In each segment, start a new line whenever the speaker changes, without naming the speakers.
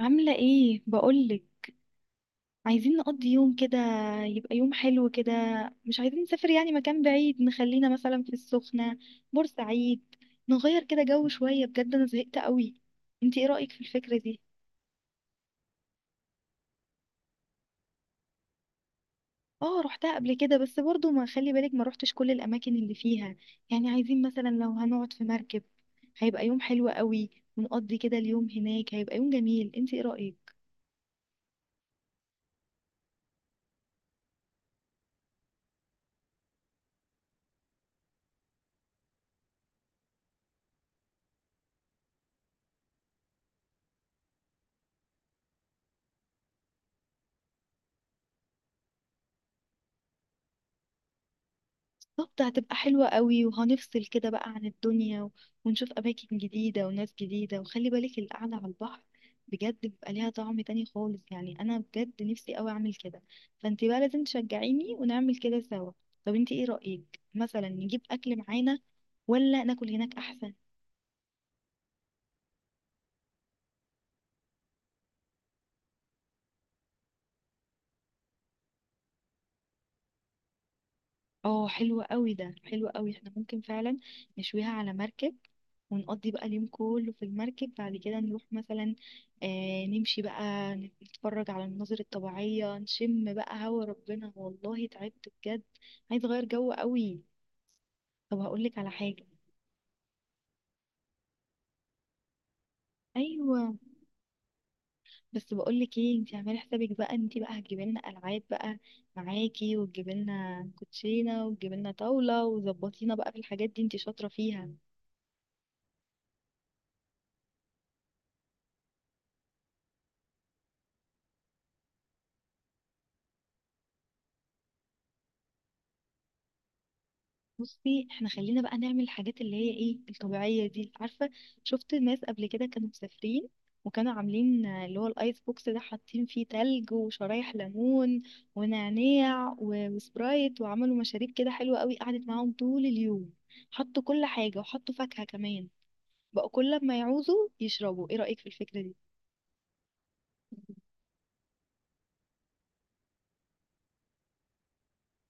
عاملة ايه بقولك؟ عايزين نقضي يوم كده، يبقى يوم حلو كده. مش عايزين نسافر يعني مكان بعيد، نخلينا مثلا في السخنة، بورسعيد. نغير كده جو شوية، بجد انا زهقت قوي. انتي ايه رأيك في الفكرة دي؟ اه روحتها قبل كده، بس برضو ما خلي بالك ما روحتش كل الاماكن اللي فيها. يعني عايزين مثلا لو هنقعد في مركب، هيبقى يوم حلو قوي. ونقضي كده اليوم هناك، هيبقى يوم جميل. انتي ايه رأيك؟ بالظبط، هتبقى حلوة قوي وهنفصل كده بقى عن الدنيا ونشوف أماكن جديدة وناس جديدة. وخلي بالك القعدة على البحر بجد بيبقى ليها طعم تاني خالص، يعني أنا بجد نفسي قوي أعمل كده. فأنت بقى لازم تشجعيني ونعمل كده سوا. طب أنت إيه رأيك مثلا نجيب أكل معانا، ولا ناكل هناك أحسن؟ اه حلو قوي، ده حلو قوي، احنا ممكن فعلا نشويها على مركب ونقضي بقى اليوم كله في المركب. بعد كده نروح مثلا، آه، نمشي بقى، نتفرج على المناظر الطبيعية، نشم بقى هوا ربنا. والله تعبت بجد، عايز اغير جو قوي. طب هقولك على حاجة. ايوه، بس بقولك ايه، انتي اعملي حسابك بقى ان انتي بقى هتجيبي لنا العاب بقى معاكي، وتجيبي لنا كوتشينه، وتجيبي لنا طاوله، وظبطينا بقى في الحاجات دي، انتي شاطره فيها. بصي احنا خلينا بقى نعمل الحاجات اللي هي ايه الطبيعية دي، عارفة؟ شفت ناس قبل كده كانوا مسافرين وكانوا عاملين اللي هو الايس بوكس ده، حاطين فيه تلج وشرايح ليمون ونعناع وسبرايت، وعملوا مشاريب كده حلوة قوي، قعدت معاهم طول اليوم. حطوا كل حاجة، وحطوا فاكهة كمان، بقوا كل ما يعوزوا يشربوا. ايه رأيك في الفكرة دي؟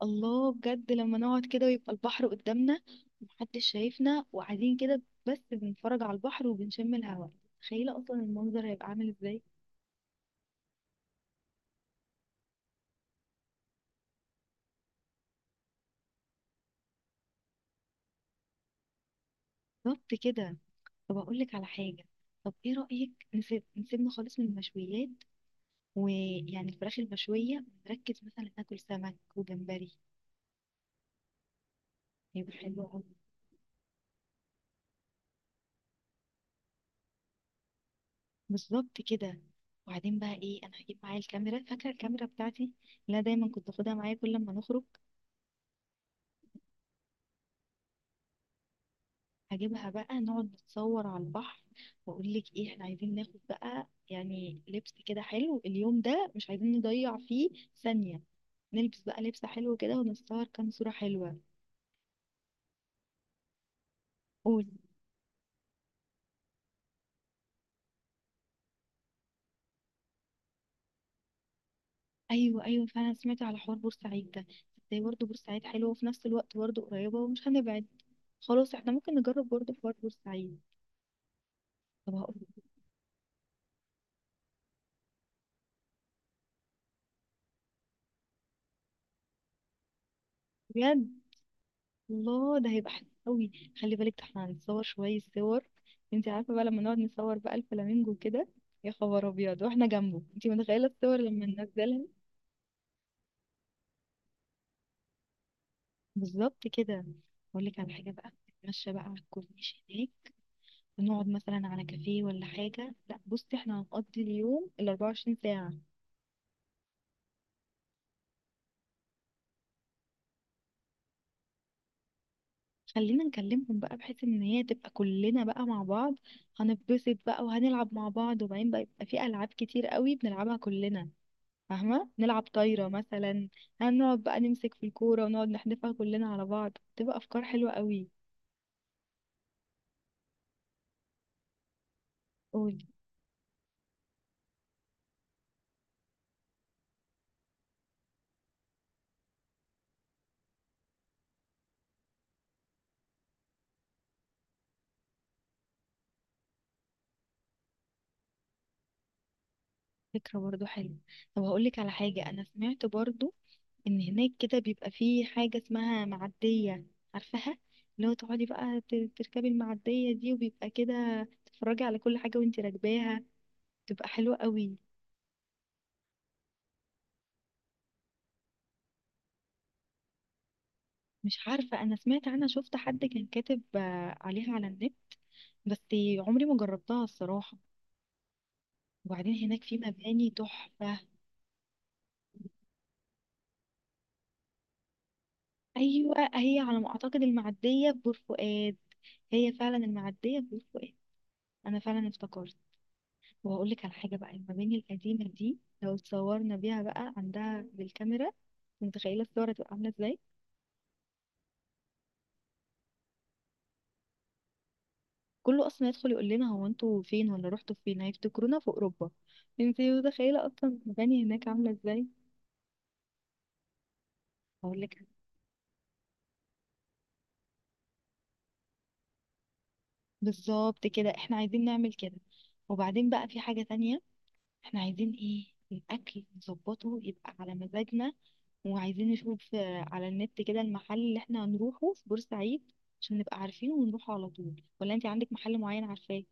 الله، بجد لما نقعد كده ويبقى البحر قدامنا، ومحدش شايفنا، وقاعدين كده بس بنتفرج على البحر وبنشم الهواء، تخيلة اصلا المنظر هيبقى عامل ازاي. بالظبط كده. طب اقول لك على حاجة، طب ايه رأيك نسيب نسيبنا خالص من المشويات ويعني الفراخ المشوية، نركز مثلا ناكل سمك وجمبري؟ هيبقى حلو قوي. بالظبط كده. وبعدين بقى ايه، انا هجيب معايا الكاميرا، فاكرة الكاميرا بتاعتي اللي انا دايما كنت باخدها معايا كل لما نخرج؟ هجيبها بقى، نقعد نتصور على البحر. واقول لك ايه، احنا عايزين ناخد بقى يعني لبس كده حلو، اليوم ده مش عايزين نضيع فيه ثانية. نلبس بقى لبس حلو كده ونتصور كام صورة حلوة. قول. ايوه ايوه، فعلا سمعت على حوار بورسعيد ده. ازاي برضه بورسعيد حلوة وفي نفس الوقت برضه قريبة ومش هنبعد. خلاص، احنا ممكن نجرب برضه حوار بورسعيد. طب هقول. بجد؟ الله، ده هيبقى حلو قوي. خلي بالك ده احنا هنتصور شوية صور. انت عارفة بقى لما نقعد نصور بقى الفلامينجو كده، يا خبر ابيض، واحنا جنبه، انت متخيلة الصور لما ننزلها. بالظبط كده. اقول لك على حاجة بقى، نتمشى بقى على الكورنيش هناك، ونقعد مثلا على كافيه ولا حاجة. لا بصي، احنا هنقضي اليوم ال 24 ساعة. خلينا نكلمهم بقى، بحيث ان هي تبقى كلنا بقى مع بعض. هنتبسط بقى وهنلعب مع بعض، وبعدين بقى يبقى في العاب كتير قوي بنلعبها كلنا، فاهمة؟ نلعب طايرة مثلا، هنقعد بقى نمسك في الكورة ونقعد نحدفها كلنا على بعض. تبقى أفكار حلوة قوي. قولي. فكرة برضو حلوة. طب هقولك على حاجة، أنا سمعت برضو إن هناك كده بيبقى فيه حاجة اسمها معدية، عارفاها؟ اللي هو تقعدي بقى تركبي المعدية دي، وبيبقى كده تتفرجي على كل حاجة وانتي راكباها، تبقى حلوة قوي. مش عارفة، أنا سمعت عنها، شفت حد كان كاتب عليها على النت، بس عمري ما جربتها الصراحة. وبعدين هناك في مباني تحفة. ايوه، هي على ما اعتقد المعديه ببور فؤاد، هي فعلا المعديه ببور فؤاد، انا فعلا افتكرت. وهقول لك على حاجه بقى، المباني القديمه دي لو اتصورنا بيها بقى عندها بالكاميرا، متخيله الصور هتبقى عامله ازاي؟ كله اصلا يدخل يقول لنا هو انتوا فين، ولا رحتوا فين، هيفتكرونا في اوروبا. انت متخيله اصلا المباني هناك عامله ازاي؟ هقول لك. بالظبط كده، احنا عايزين نعمل كده. وبعدين بقى في حاجه تانية، احنا عايزين ايه، الاكل نظبطه يبقى على مزاجنا. وعايزين نشوف على النت كده المحل اللي احنا هنروحه في بورسعيد، عشان نبقى عارفينه ونروحه على طول. ولا انت عندك محل معين عارفاه؟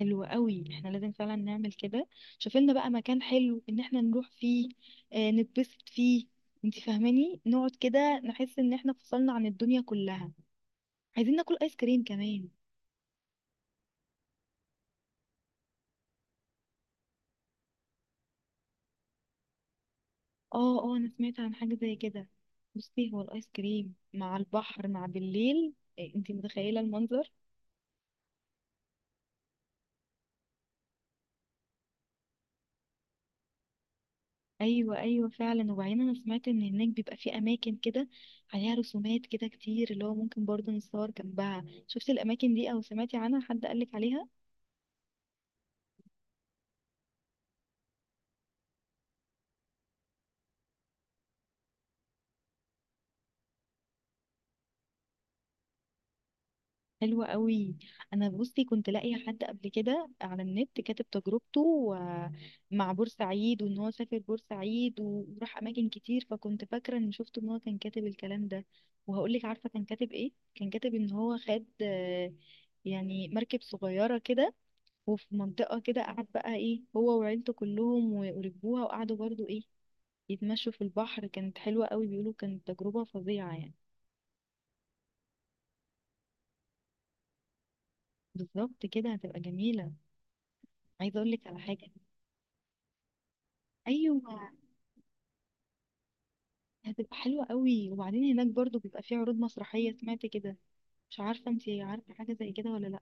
حلو قوي، احنا لازم فعلا نعمل كده. شوفي لنا بقى مكان حلو ان احنا نروح فيه، اه، نتبسط فيه. انت فاهماني؟ نقعد كده نحس ان احنا فصلنا عن الدنيا كلها. عايزين ناكل ايس كريم كمان. اه اه، انا سمعت عن حاجة زي كده. بصي، هو الايس كريم مع البحر مع بالليل، إيه، انتي متخيلة المنظر؟ ايوه ايوه، فعلا. وبعدين انا سمعت ان هناك بيبقى في اماكن كده عليها رسومات كده كتير، اللي هو ممكن برضه نتصور جنبها. شفتي الاماكن دي، او سمعتي عنها، حد قالك عليها؟ حلوة قوي. انا بصي كنت لاقيه حد قبل كده على النت كاتب تجربته مع بورسعيد، وان هو سافر بورسعيد وراح اماكن كتير، فكنت فاكره ان شفت ان هو كان كاتب الكلام ده. وهقول لك، عارفه كان كاتب ايه؟ كان كاتب ان هو خد يعني مركب صغيره كده، وفي منطقه كده قعد بقى ايه هو وعيلته كلهم وركبوها وقعدوا برضو ايه يتمشوا في البحر، كانت حلوه قوي، بيقولوا كانت تجربه فظيعه يعني. بالظبط كده، هتبقى جميله. عايزه اقول لك على حاجه. ايوه، هتبقى حلوة قوي. وبعدين هناك برضو بيبقى فيه عروض مسرحية، سمعت كده. مش عارفة انتي عارفة حاجة زي كده ولا لأ.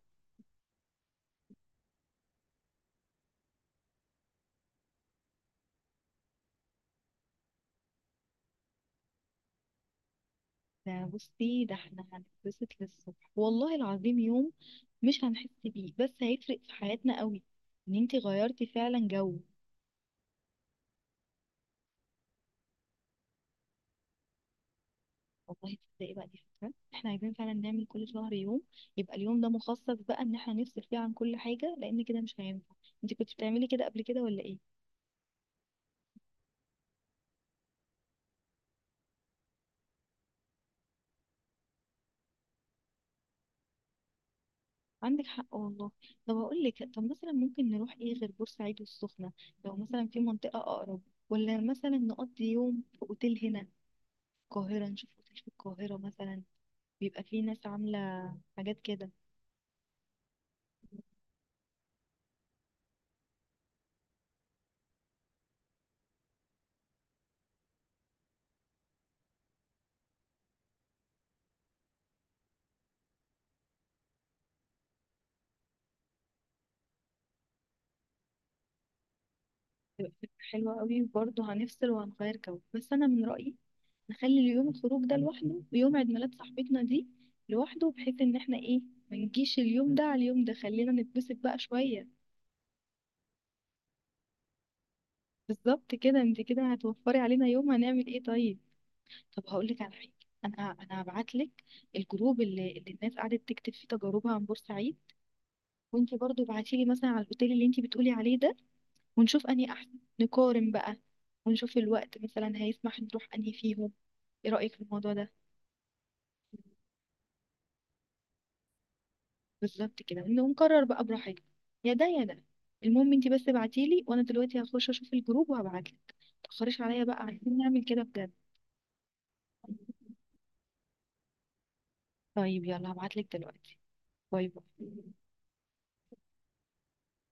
ده بصي، ده احنا هنتبسط للصبح، والله العظيم يوم مش هنحس بيه، بس هيفرق في حياتنا قوي، ان انتي غيرتي فعلا جو. والله تصدقي بقى، دي فكرة، احنا عايزين فعلا نعمل كل شهر يوم. يبقى اليوم ده مخصص بقى ان احنا نفصل فيه عن كل حاجة، لان كده مش هينفع. انتي كنت بتعملي كده قبل كده ولا ايه؟ عندك حق والله. طب هقول لك، طب مثلا ممكن نروح ايه غير بورسعيد والسخنة؟ لو مثلا في منطقة اقرب، ولا مثلا نقضي يوم في اوتيل هنا في القاهرة، نشوف اوتيل في القاهرة مثلا، بيبقى فيه ناس عاملة حاجات كده. بتبقى فكرة حلوة قوي، وبرضه هنفصل وهنغير جو. بس انا من رأيي نخلي اليوم الخروج ده لوحده، ويوم عيد ميلاد صاحبتنا دي لوحده، بحيث ان احنا ايه، ما نجيش اليوم ده على اليوم ده، خلينا نتبسط بقى شوية. بالظبط كده، انت كده هتوفري علينا يوم، هنعمل ايه طيب. طب هقول لك على حاجه. انا هبعت لك الجروب اللي الناس قعدت تكتب فيه تجاربها عن بورسعيد. وانت برضو ابعتي لي مثلا على الاوتيل اللي انت بتقولي عليه ده، ونشوف انهي احسن، نقارن بقى، ونشوف الوقت مثلا هيسمح نروح انهي فيهم. ايه رايك في الموضوع ده؟ بالظبط كده، ونقرر بقى براحتنا. يا ده يا ده، المهم انت بس ابعتي لي، وانا دلوقتي هخش اشوف الجروب وهبعت لك. متأخريش عليا بقى، عايزين نعمل كده بجد. طيب يلا، هبعت لك دلوقتي. باي. باي.